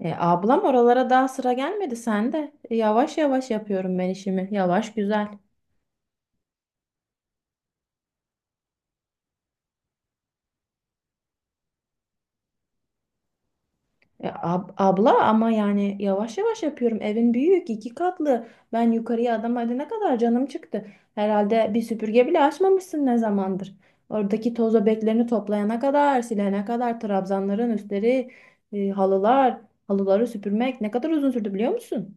Ablam oralara daha sıra gelmedi sende. Yavaş yavaş yapıyorum ben işimi. Yavaş güzel. Abla ama yani yavaş yavaş yapıyorum. Evin büyük, iki katlı. Ben yukarıya adam ne kadar canım çıktı. Herhalde bir süpürge bile açmamışsın ne zamandır. Oradaki toz öbeklerini toplayana kadar, silene kadar trabzanların üstleri, halılar, halıları süpürmek ne kadar uzun sürdü biliyor musun?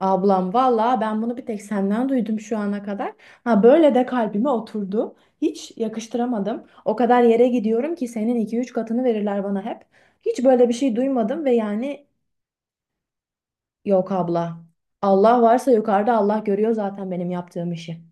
Ablam valla ben bunu bir tek senden duydum şu ana kadar. Ha böyle de kalbime oturdu. Hiç yakıştıramadım. O kadar yere gidiyorum ki senin iki üç katını verirler bana hep. Hiç böyle bir şey duymadım ve yani yok abla. Allah varsa yukarıda Allah görüyor zaten benim yaptığım işi.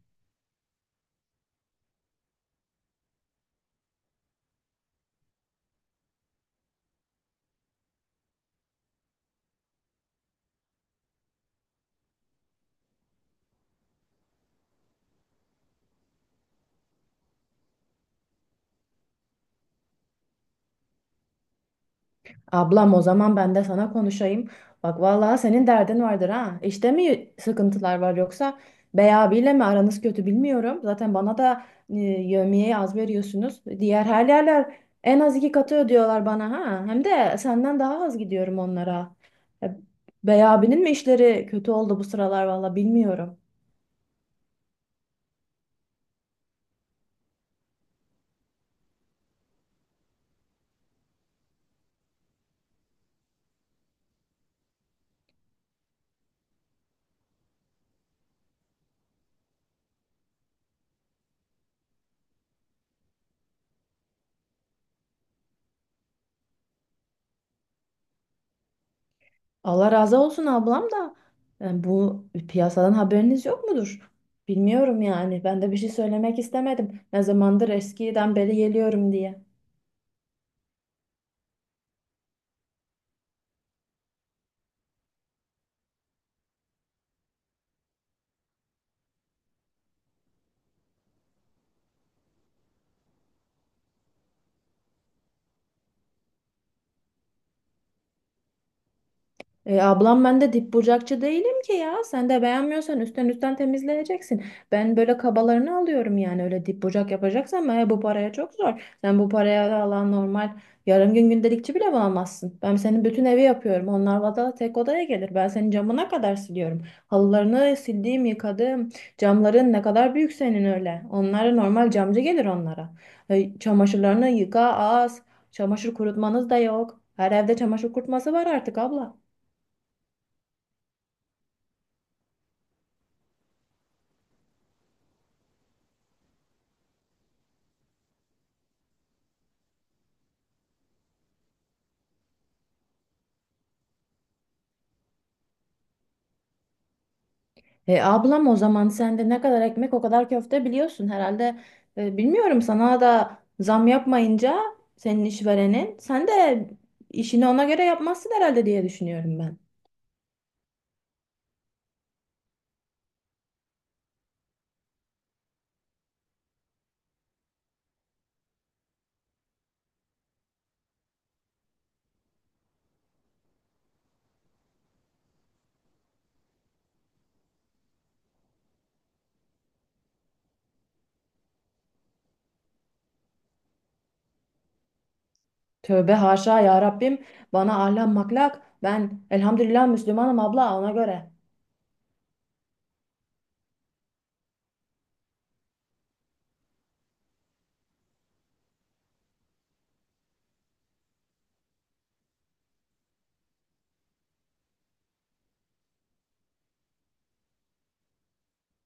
Ablam o zaman ben de sana konuşayım. Bak vallahi senin derdin vardır ha. İşte mi sıkıntılar var yoksa Bey abiyle mi aranız kötü bilmiyorum. Zaten bana da yevmiyeyi az veriyorsunuz. Diğer her yerler en az iki katı ödüyorlar bana ha. Hem de senden daha az gidiyorum onlara. E, Bey abinin mi işleri kötü oldu bu sıralar valla bilmiyorum. Allah razı olsun ablam da yani bu piyasadan haberiniz yok mudur? Bilmiyorum yani. Ben de bir şey söylemek istemedim. Ne zamandır eskiden beri geliyorum diye. Ablam ben de dip bucakçı değilim ki ya. Sen de beğenmiyorsan üstten üstten temizleyeceksin. Ben böyle kabalarını alıyorum yani. Öyle dip bucak yapacaksan ben bu paraya çok zor. Sen bu paraya alan normal yarım gün gündelikçi bile bulamazsın. Ben senin bütün evi yapıyorum. Onlar vada tek odaya gelir. Ben senin camına kadar siliyorum. Halılarını sildiğim, yıkadım. Camların ne kadar büyük senin öyle. Onlara normal camcı gelir onlara. Çamaşırlarını yıka az. Çamaşır kurutmanız da yok. Her evde çamaşır kurutması var artık abla. Ablam o zaman sen de ne kadar ekmek o kadar köfte biliyorsun herhalde. Bilmiyorum, sana da zam yapmayınca senin işverenin, sen de işini ona göre yapmazsın herhalde diye düşünüyorum ben. Tövbe haşa ya Rabbim, bana ahlak maklak, ben elhamdülillah Müslümanım abla, ona göre.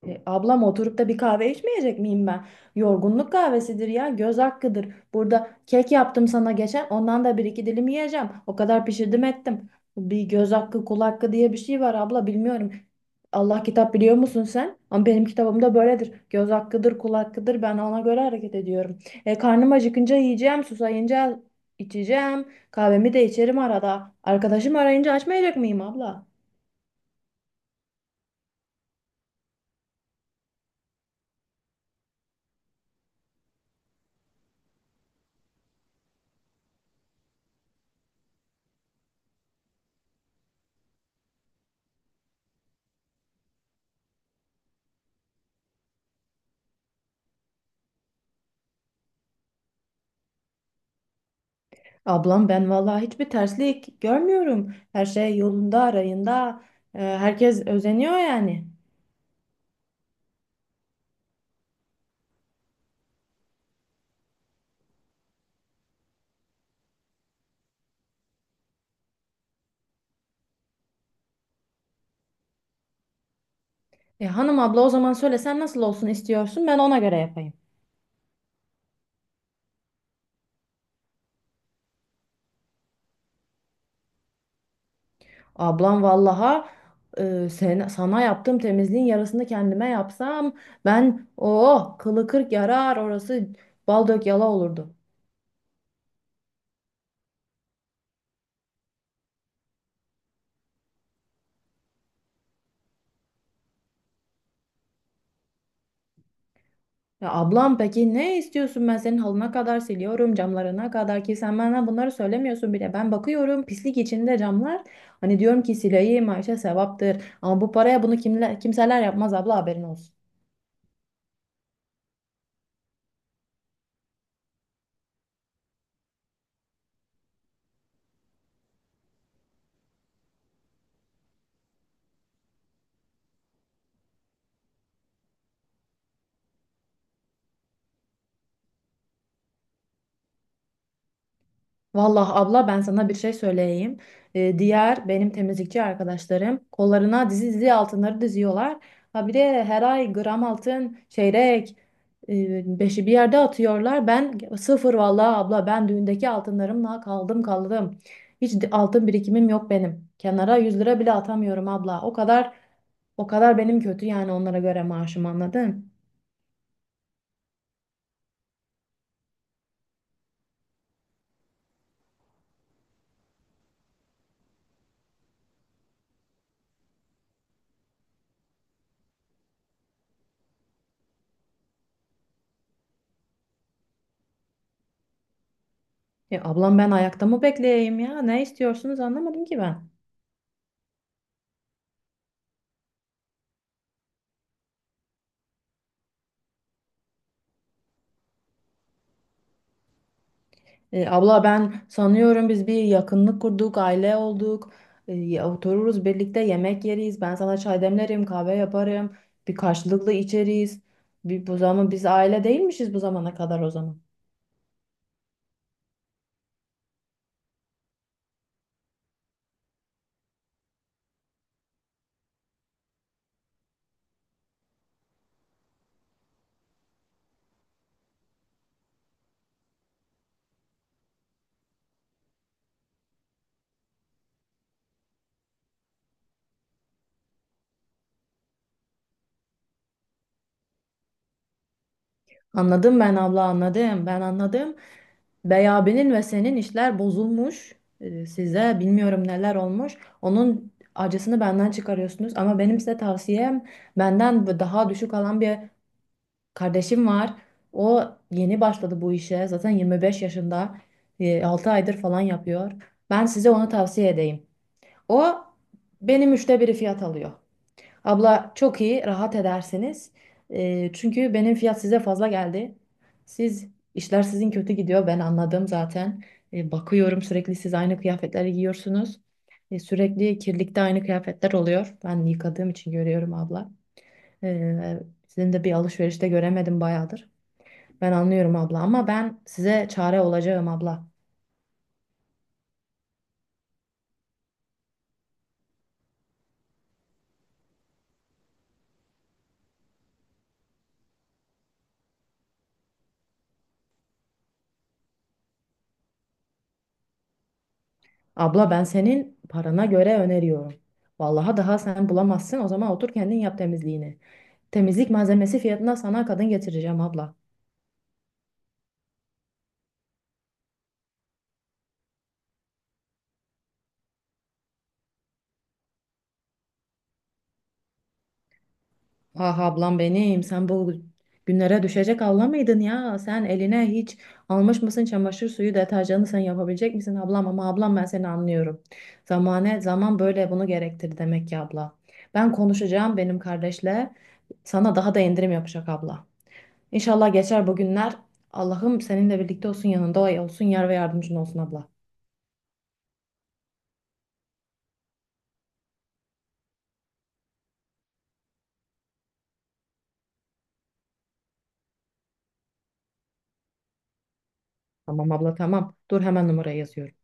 Ablam oturup da bir kahve içmeyecek miyim ben? Yorgunluk kahvesidir ya, göz hakkıdır. Burada kek yaptım sana geçen, ondan da bir iki dilim yiyeceğim. O kadar pişirdim ettim. Bir göz hakkı, kul hakkı diye bir şey var abla, bilmiyorum. Allah kitap biliyor musun sen? Ama benim kitabımda böyledir. Göz hakkıdır, kul hakkıdır. Ben ona göre hareket ediyorum. Karnım acıkınca yiyeceğim, susayınca içeceğim. Kahvemi de içerim arada. Arkadaşım arayınca açmayacak mıyım abla? Ablam ben vallahi hiçbir terslik görmüyorum. Her şey yolunda, arayında. Herkes özeniyor yani. Hanım abla, o zaman söyle sen nasıl olsun istiyorsun, ben ona göre yapayım. Ablam vallaha, sana yaptığım temizliğin yarısını kendime yapsam, ben o kılı kırk yarar, orası bal dök yala olurdu. Ya ablam, peki ne istiyorsun? Ben senin halına kadar siliyorum, camlarına kadar, ki sen bana bunları söylemiyorsun bile. Ben bakıyorum pislik içinde camlar. Hani diyorum ki sileyim Ayşe, sevaptır. Ama bu paraya bunu kimler kimseler yapmaz abla, haberin olsun. Vallahi abla, ben sana bir şey söyleyeyim. Diğer benim temizlikçi arkadaşlarım kollarına dizi dizi altınları diziyorlar. Ha bir de her ay gram altın, çeyrek, beşi bir yerde atıyorlar. Ben sıfır vallahi abla, ben düğündeki altınlarımla kaldım. Altın birikimim yok benim. Kenara 100 lira bile atamıyorum abla. O kadar benim kötü yani onlara göre maaşım, anladın? Ablam, ben ayakta mı bekleyeyim ya? Ne istiyorsunuz anlamadım ki ben. Abla ben sanıyorum biz bir yakınlık kurduk, aile olduk. Otururuz birlikte yemek yeriz. Ben sana çay demlerim, kahve yaparım. Bir karşılıklı içeriz. Bir, bu zaman biz aile değilmişiz bu zamana kadar o zaman. Anladım ben abla, anladım. Ben anladım. Bey abinin ve senin işler bozulmuş. Size bilmiyorum neler olmuş. Onun acısını benden çıkarıyorsunuz ama benim size tavsiyem, benden daha düşük alan bir kardeşim var. O yeni başladı bu işe. Zaten 25 yaşında. 6 aydır falan yapıyor. Ben size onu tavsiye edeyim. O benim 1/3 fiyat alıyor. Abla çok iyi, rahat edersiniz. Çünkü benim fiyat size fazla geldi. Siz işler sizin kötü gidiyor. Ben anladım zaten. Bakıyorum sürekli siz aynı kıyafetleri giyiyorsunuz. Sürekli kirlikte aynı kıyafetler oluyor. Ben yıkadığım için görüyorum abla. E, Sizin de bir alışverişte göremedim bayağıdır. Ben anlıyorum abla, ama ben size çare olacağım abla. Abla ben senin parana göre öneriyorum. Vallahi daha sen bulamazsın, o zaman otur kendin yap temizliğini. Temizlik malzemesi fiyatına sana kadın getireceğim abla. Ah ablam benim, sen bu günlere düşecek abla mıydın ya? Sen eline hiç almış mısın çamaşır suyu deterjanı, sen yapabilecek misin ablam? Ama ablam, ben seni anlıyorum. Zamane zaman böyle bunu gerektir demek ki abla. Ben konuşacağım benim kardeşle, sana daha da indirim yapacak abla. İnşallah geçer bu günler. Allah'ım seninle birlikte olsun, yanında olsun, yar ve yardımcın olsun abla. Tamam abla, tamam. Dur hemen numarayı yazıyorum.